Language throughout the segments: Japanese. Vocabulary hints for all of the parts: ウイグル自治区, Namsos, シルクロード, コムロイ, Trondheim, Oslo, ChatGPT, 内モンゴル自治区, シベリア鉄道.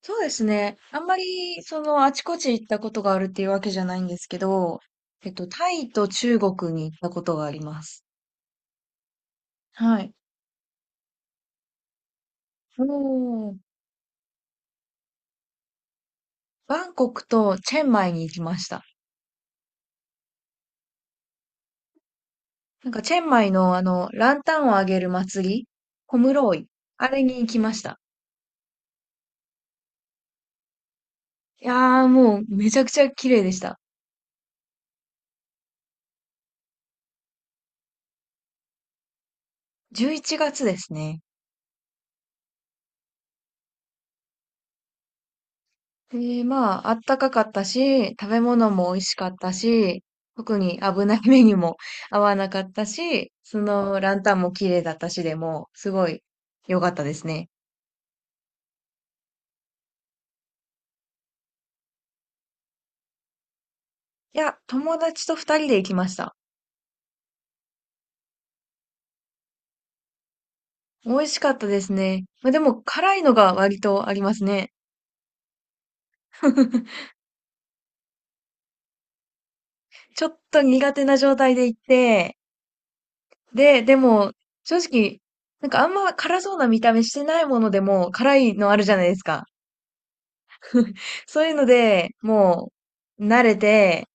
そうですね。あんまり、その、あちこち行ったことがあるっていうわけじゃないんですけど、タイと中国に行ったことがあります。はい。おー、バンコクとチェンマイに行きました。なんか、チェンマイの、あの、ランタンをあげる祭り、コムロイ、あれに行きました。いやー、もう、めちゃくちゃ綺麗でした。11月ですね。で、まあ、あったかかったし、食べ物も美味しかったし、特に危ない目にも 合わなかったし、そのランタンも綺麗だったしでも、すごい良かったですね。いや、友達と二人で行きました。美味しかったですね。まあ、でも、辛いのが割とありますね。ちょっと苦手な状態で行って、でも、正直、なんかあんま辛そうな見た目してないものでも辛いのあるじゃないですか。そういうので、もう、慣れて、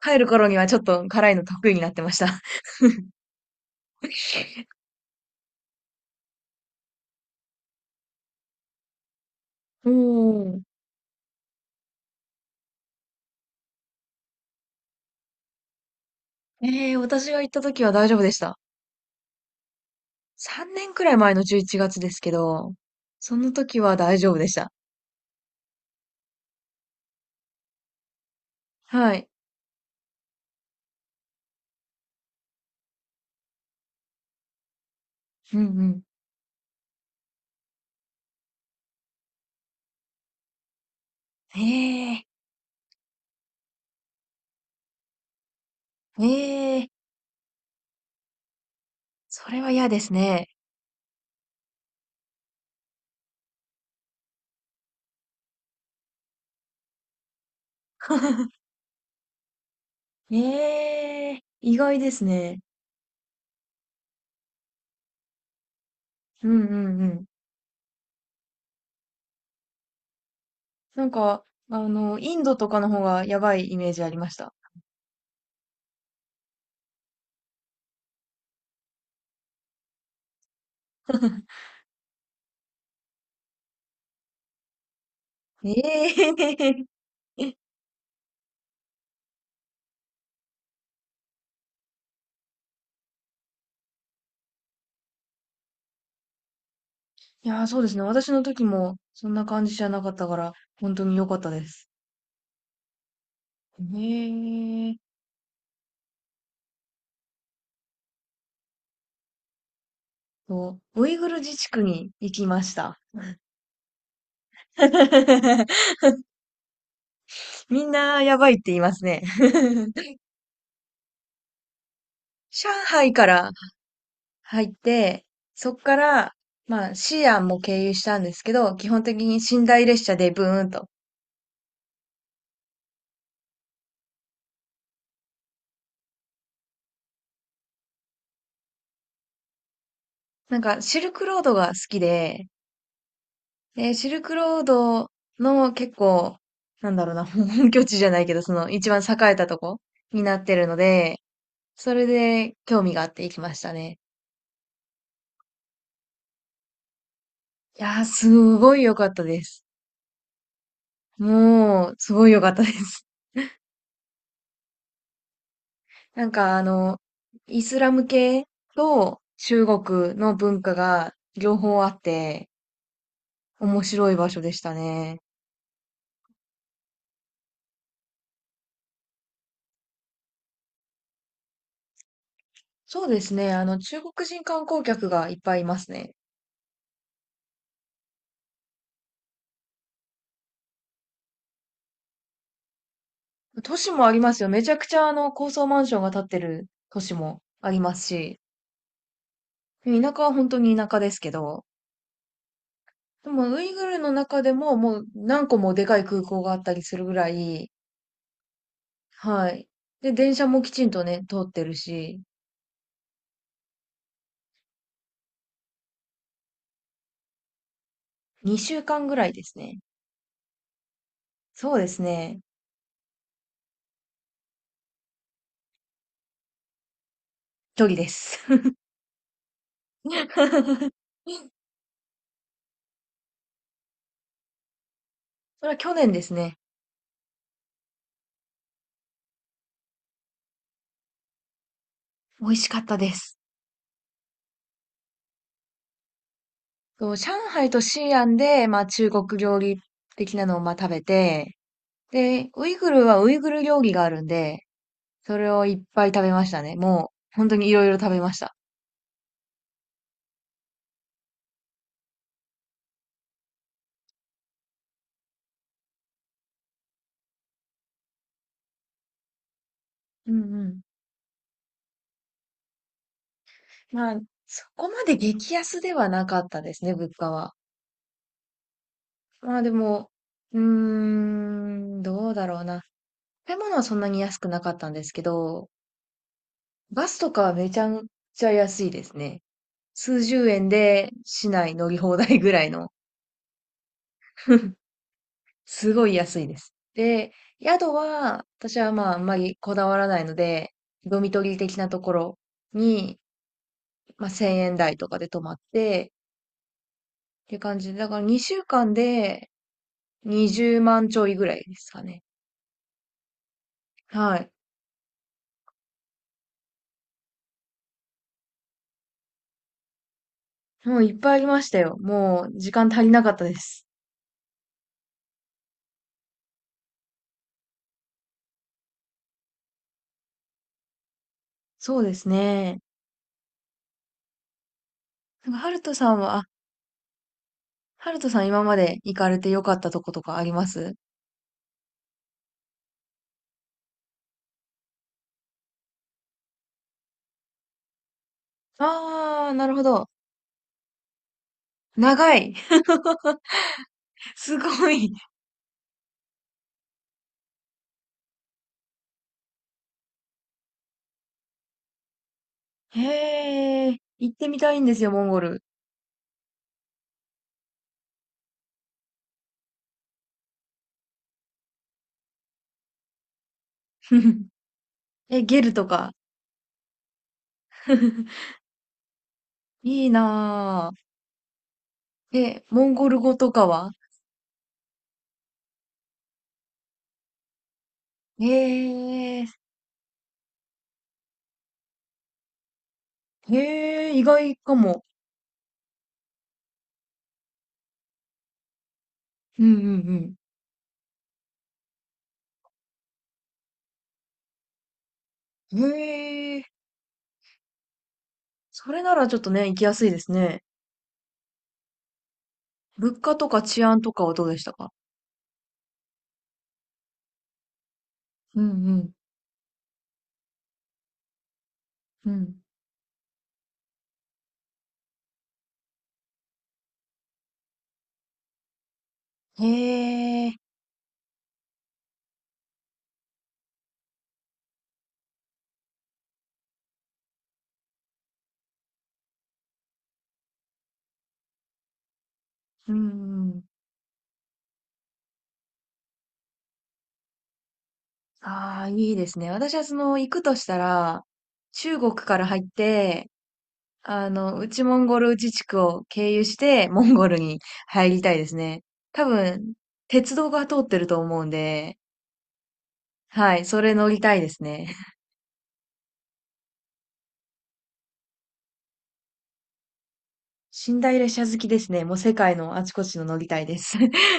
帰る頃にはちょっと辛いの得意になってました。うーん。ええ、私が行った時は大丈夫でした。3年くらい前の11月ですけど、その時は大丈夫でした。はい。うんうん。ええ、ええ、それは嫌ですね。ええ、意外ですね。うんうんうん。なんか、あの、インドとかの方がやばいイメージありました。ええ、いやー、そうですね。私の時もそんな感じじゃなかったから、本当に良かったです。へえ。そう、ウイグル自治区に行きました。みんなやばいって言いますね。上海から入って、そっから、まあ、西安も経由したんですけど、基本的に寝台列車でブーンと。なんか、シルクロードが好きで、シルクロードの結構、なんだろうな、本拠地じゃないけど、その一番栄えたとこになってるので、それで興味があって行きましたね。いやー、すごい良かったです。もう、すごい良かったです。なんかあの、イスラム系と中国の文化が両方あって、面白い場所でしたね。そうですね。あの、中国人観光客がいっぱいいますね。都市もありますよ。めちゃくちゃあの高層マンションが建ってる都市もありますし、田舎は本当に田舎ですけど、でもウイグルの中でももう何個もでかい空港があったりするぐらい、はい。で、電車もきちんとね、通ってるし、2週間ぐらいですね。そうですね。距離です。それは去年ですね。美味しかったです。そう、上海と西安で、まあ中国料理的なのをまあ食べて、で、ウイグルはウイグル料理があるんで、それをいっぱい食べましたね。もう、本当にいろいろ食べました。うんうん。まあ、そこまで激安ではなかったですね、物価は。まあでも、うーん、どうだろうな。食べ物はそんなに安くなかったんですけど、バスとかはめちゃくちゃ安いですね。数十円で市内乗り放題ぐらいの。すごい安いです。で、宿は、私はまああんまりこだわらないので、ドミトリー的なところにまあ、1000円台とかで泊まって、っていう感じで、だから2週間で20万ちょいぐらいですかね。はい。もういっぱいありましたよ。もう時間足りなかったです。そうですね。なんか、ハルトさんは、あ、ハルトさん今まで行かれてよかったとことかあります？あー、なるほど。長い。すごい。へー。行ってみたいんですよ、モンゴル。え、ゲルとか。いいなぁ。え、モンゴル語とかは？ええ、へえ、意外かも。うんうんうん。へえ、それならちょっとね、行きやすいですね。物価とか治安とかはどうでしたか？うんうん。うん、へえ、うんうん。ああ、いいですね。私はその、行くとしたら、中国から入って、あの、内モンゴル自治区を経由して、モンゴルに入りたいですね。多分、鉄道が通ってると思うんで、はい、それ乗りたいですね。寝台列車好きですね。もう世界のあちこちの乗りたいです。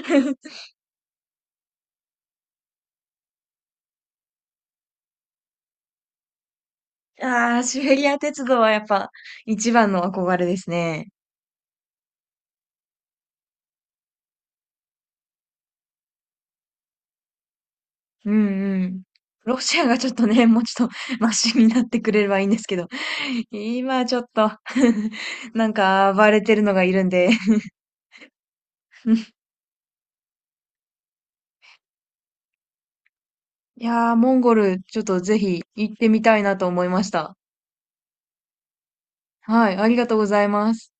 ああ、シベリア鉄道はやっぱ一番の憧れですね。うんうん。ロシアがちょっとね、もうちょっとマシになってくれればいいんですけど、今ちょっと なんか暴れてるのがいるんで。 いやー、モンゴルちょっとぜひ行ってみたいなと思いました。はい、ありがとうございます。